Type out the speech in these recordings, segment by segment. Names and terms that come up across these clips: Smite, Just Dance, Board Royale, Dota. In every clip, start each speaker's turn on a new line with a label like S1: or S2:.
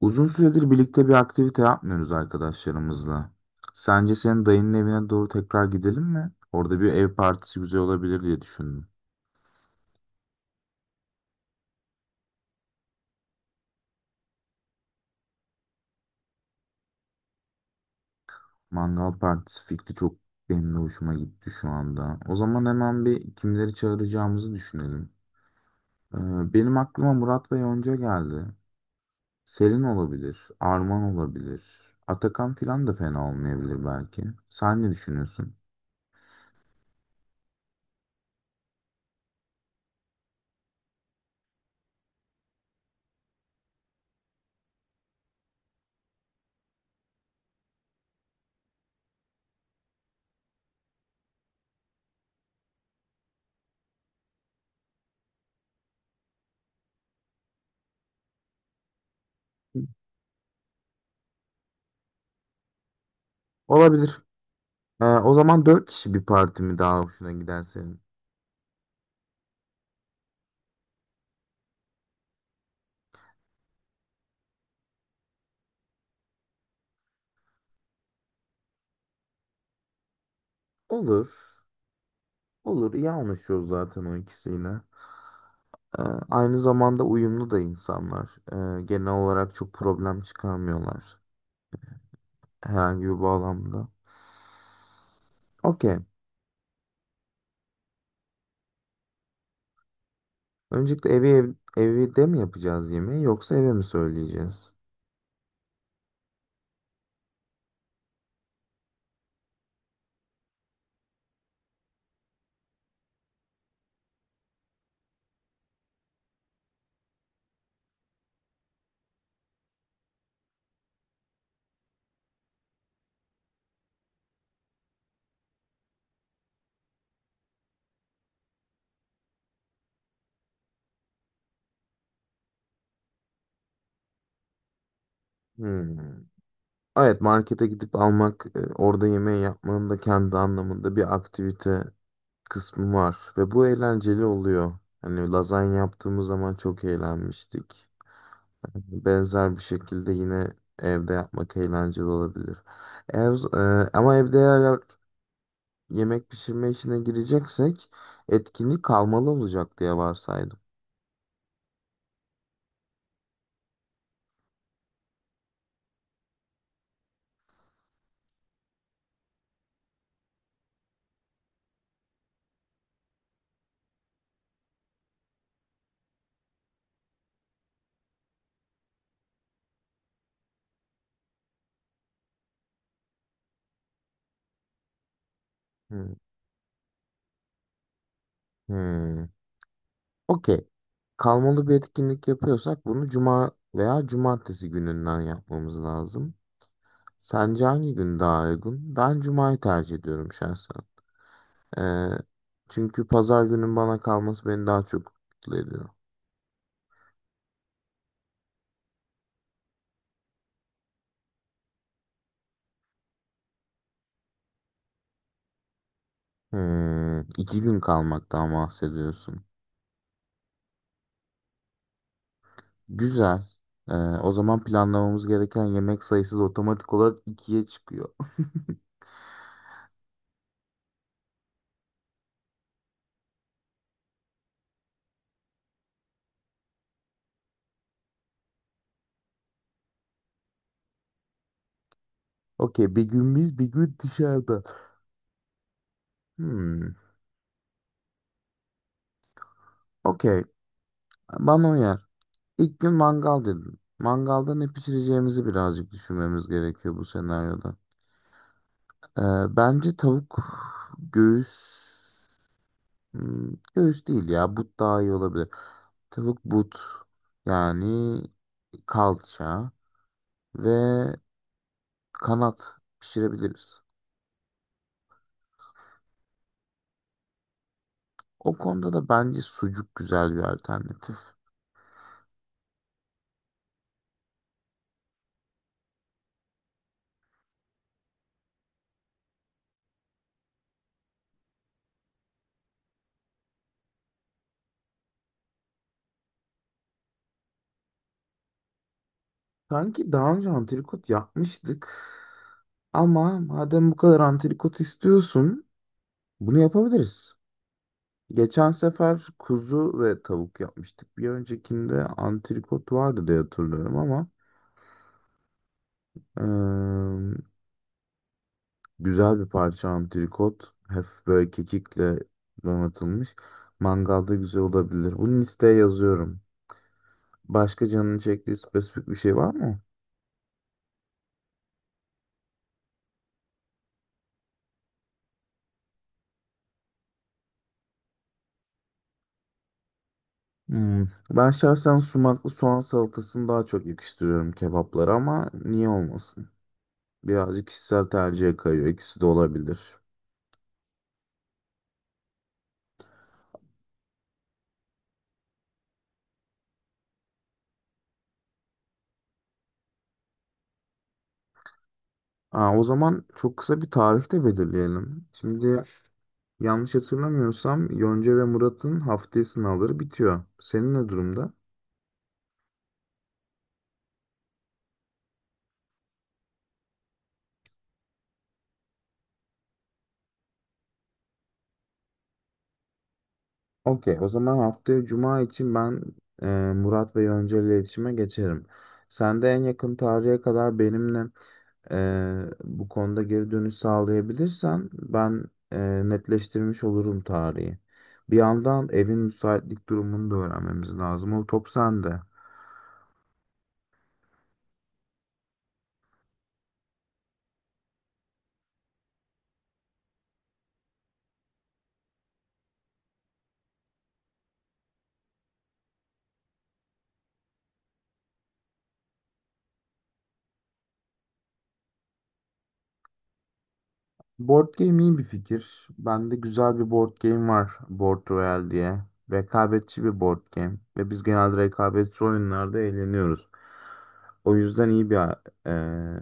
S1: Uzun süredir birlikte bir aktivite yapmıyoruz arkadaşlarımızla. Sence senin dayının evine doğru tekrar gidelim mi? Orada bir ev partisi güzel olabilir diye düşündüm. Mangal partisi fikri çok benim de hoşuma gitti şu anda. O zaman hemen bir kimleri çağıracağımızı düşünelim. Ee, benim aklıma Murat ve Yonca geldi. Selin olabilir, Arman olabilir. Atakan filan da fena olmayabilir belki. Sen ne düşünüyorsun? Olabilir. O zaman dört kişi bir parti mi daha hoşuna gider senin? Olur. Olur, iyi anlaşıyoruz zaten o ikisiyle. Ee, Aynı zamanda uyumlu da insanlar. Genel olarak çok problem çıkarmıyorlar herhangi bir bağlamda. Okey. Öncelikle evde mi yapacağız yemeği yoksa eve mi söyleyeceğiz? Hmm. Evet, markete gidip almak, orada yemeği yapmanın da kendi anlamında bir aktivite kısmı var ve bu eğlenceli oluyor. Hani lazanya yaptığımız zaman çok eğlenmiştik. Benzer bir şekilde yine evde yapmak eğlenceli olabilir. Ama evde eğer yemek pişirme işine gireceksek etkinlik kalmalı olacak diye varsaydım. Hmm. Hmm. Okey. Kalmalı bir etkinlik yapıyorsak bunu cuma veya cumartesi gününden yapmamız lazım. Sence hangi gün daha uygun? Ben cumayı tercih ediyorum şahsen. E, Çünkü pazar günün bana kalması beni daha çok mutlu ediyor. İki gün kalmaktan bahsediyorsun. Güzel. O zaman planlamamız gereken yemek sayısı da otomatik olarak ikiye çıkıyor. Okey, bir gün biz, bir gün dışarıda. Hmm, Okey. Bana uyar. İlk gün mangal dedim. Mangalda ne pişireceğimizi birazcık düşünmemiz gerekiyor bu senaryoda. Ee, Bence tavuk göğüs, göğüs değil ya, but daha iyi olabilir. Tavuk but, yani kalça ve kanat pişirebiliriz. O konuda da bence sucuk güzel bir alternatif. Sanki daha önce antrikot yapmıştık. Ama madem bu kadar antrikot istiyorsun, bunu yapabiliriz. Geçen sefer kuzu ve tavuk yapmıştık. Bir öncekinde antrikot vardı diye hatırlıyorum ama eee, güzel bir parça antrikot. Hep böyle kekikle donatılmış. Mangalda güzel olabilir. Bunu listeye yazıyorum. Başka canını çektiği spesifik bir şey var mı? Hmm. Ben şahsen sumaklı soğan salatasını daha çok yakıştırıyorum kebaplara ama niye olmasın? Birazcık kişisel tercihe kayıyor. İkisi de olabilir. Aa, o zaman çok kısa bir tarih de belirleyelim. Şimdi yanlış hatırlamıyorsam Yonca ve Murat'ın haftaya sınavları bitiyor. Senin ne durumda? Okey, o zaman haftaya cuma için ben e, Murat ve Yonca ile iletişime geçerim. Sen de en yakın tarihe kadar benimle bu konuda geri dönüş sağlayabilirsen ben netleştirmiş olurum tarihi. Bir yandan evin müsaitlik durumunu da öğrenmemiz lazım. O top sende. Board game iyi bir fikir. Bende güzel bir board game var, Board Royale diye. Rekabetçi bir board game. Ve biz genelde rekabetçi oyunlarda eğleniyoruz. O yüzden iyi bir eee,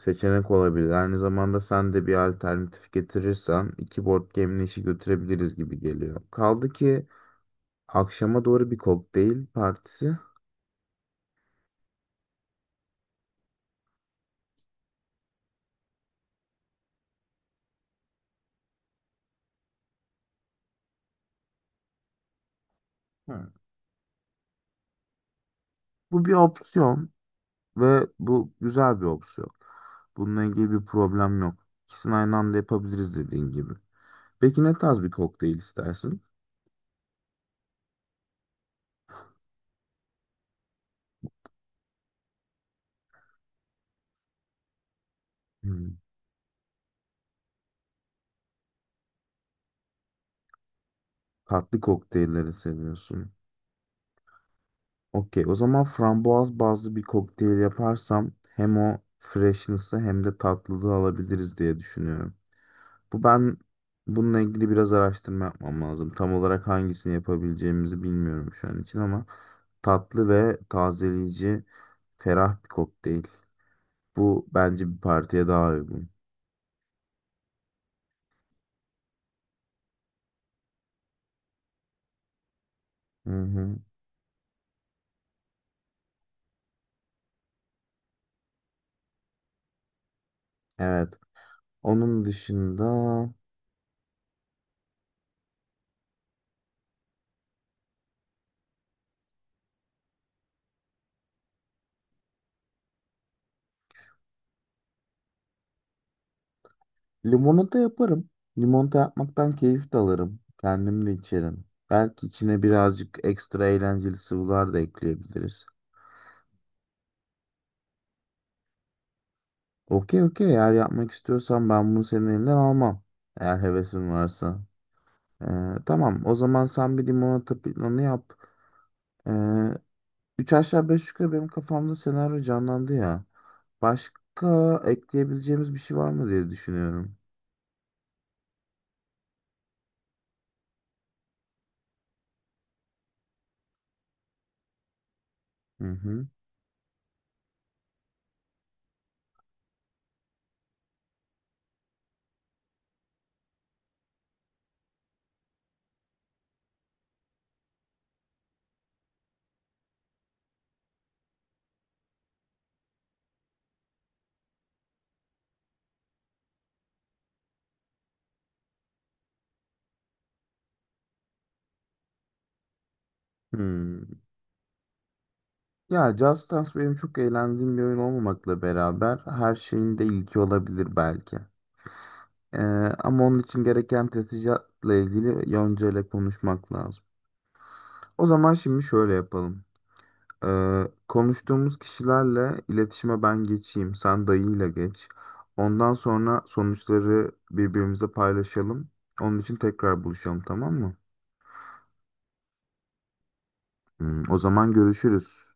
S1: seçenek olabilir. Aynı zamanda sen de bir alternatif getirirsen iki board game'in işi götürebiliriz gibi geliyor. Kaldı ki akşama doğru bir kokteyl partisi. Hı. Bu bir opsiyon ve bu güzel bir opsiyon. Bununla ilgili bir problem yok. İkisini aynı anda yapabiliriz dediğin gibi. Peki ne tarz bir kokteyl istersin? Hmm. Tatlı kokteylleri seviyorsun. Okey, o zaman frambuaz bazlı bir kokteyl yaparsam hem o freshness'ı hem de tatlılığı alabiliriz diye düşünüyorum. Bu ben Bununla ilgili biraz araştırma yapmam lazım. Tam olarak hangisini yapabileceğimizi bilmiyorum şu an için ama tatlı ve tazeleyici, ferah bir kokteyl. Bu bence bir partiye daha uygun. Hı hı. Evet. Onun dışında limonata yaparım. Limonata yapmaktan keyif de alırım. Kendim de içerim. Belki içine birazcık ekstra eğlenceli sıvılar da ekleyebiliriz. Okey, okey, eğer yapmak istiyorsan ben bunu senin elinden almam. Eğer hevesin varsa. Tamam, o zaman sen bir limonata planı yap. Ee, Üç aşağı beş yukarı benim kafamda senaryo canlandı ya. Başka ekleyebileceğimiz bir şey var mı diye düşünüyorum. Hı hı. Hmm. Ya Just Dance benim çok eğlendiğim bir oyun olmamakla beraber her şeyin de ilki olabilir belki. Ee, Ama onun için gereken teçhizatla ilgili Yonca ile konuşmak lazım. O zaman şimdi şöyle yapalım. Konuştuğumuz kişilerle iletişime ben geçeyim, sen dayıyla geç. Ondan sonra sonuçları birbirimize paylaşalım. Onun için tekrar buluşalım, tamam mı? O zaman görüşürüz.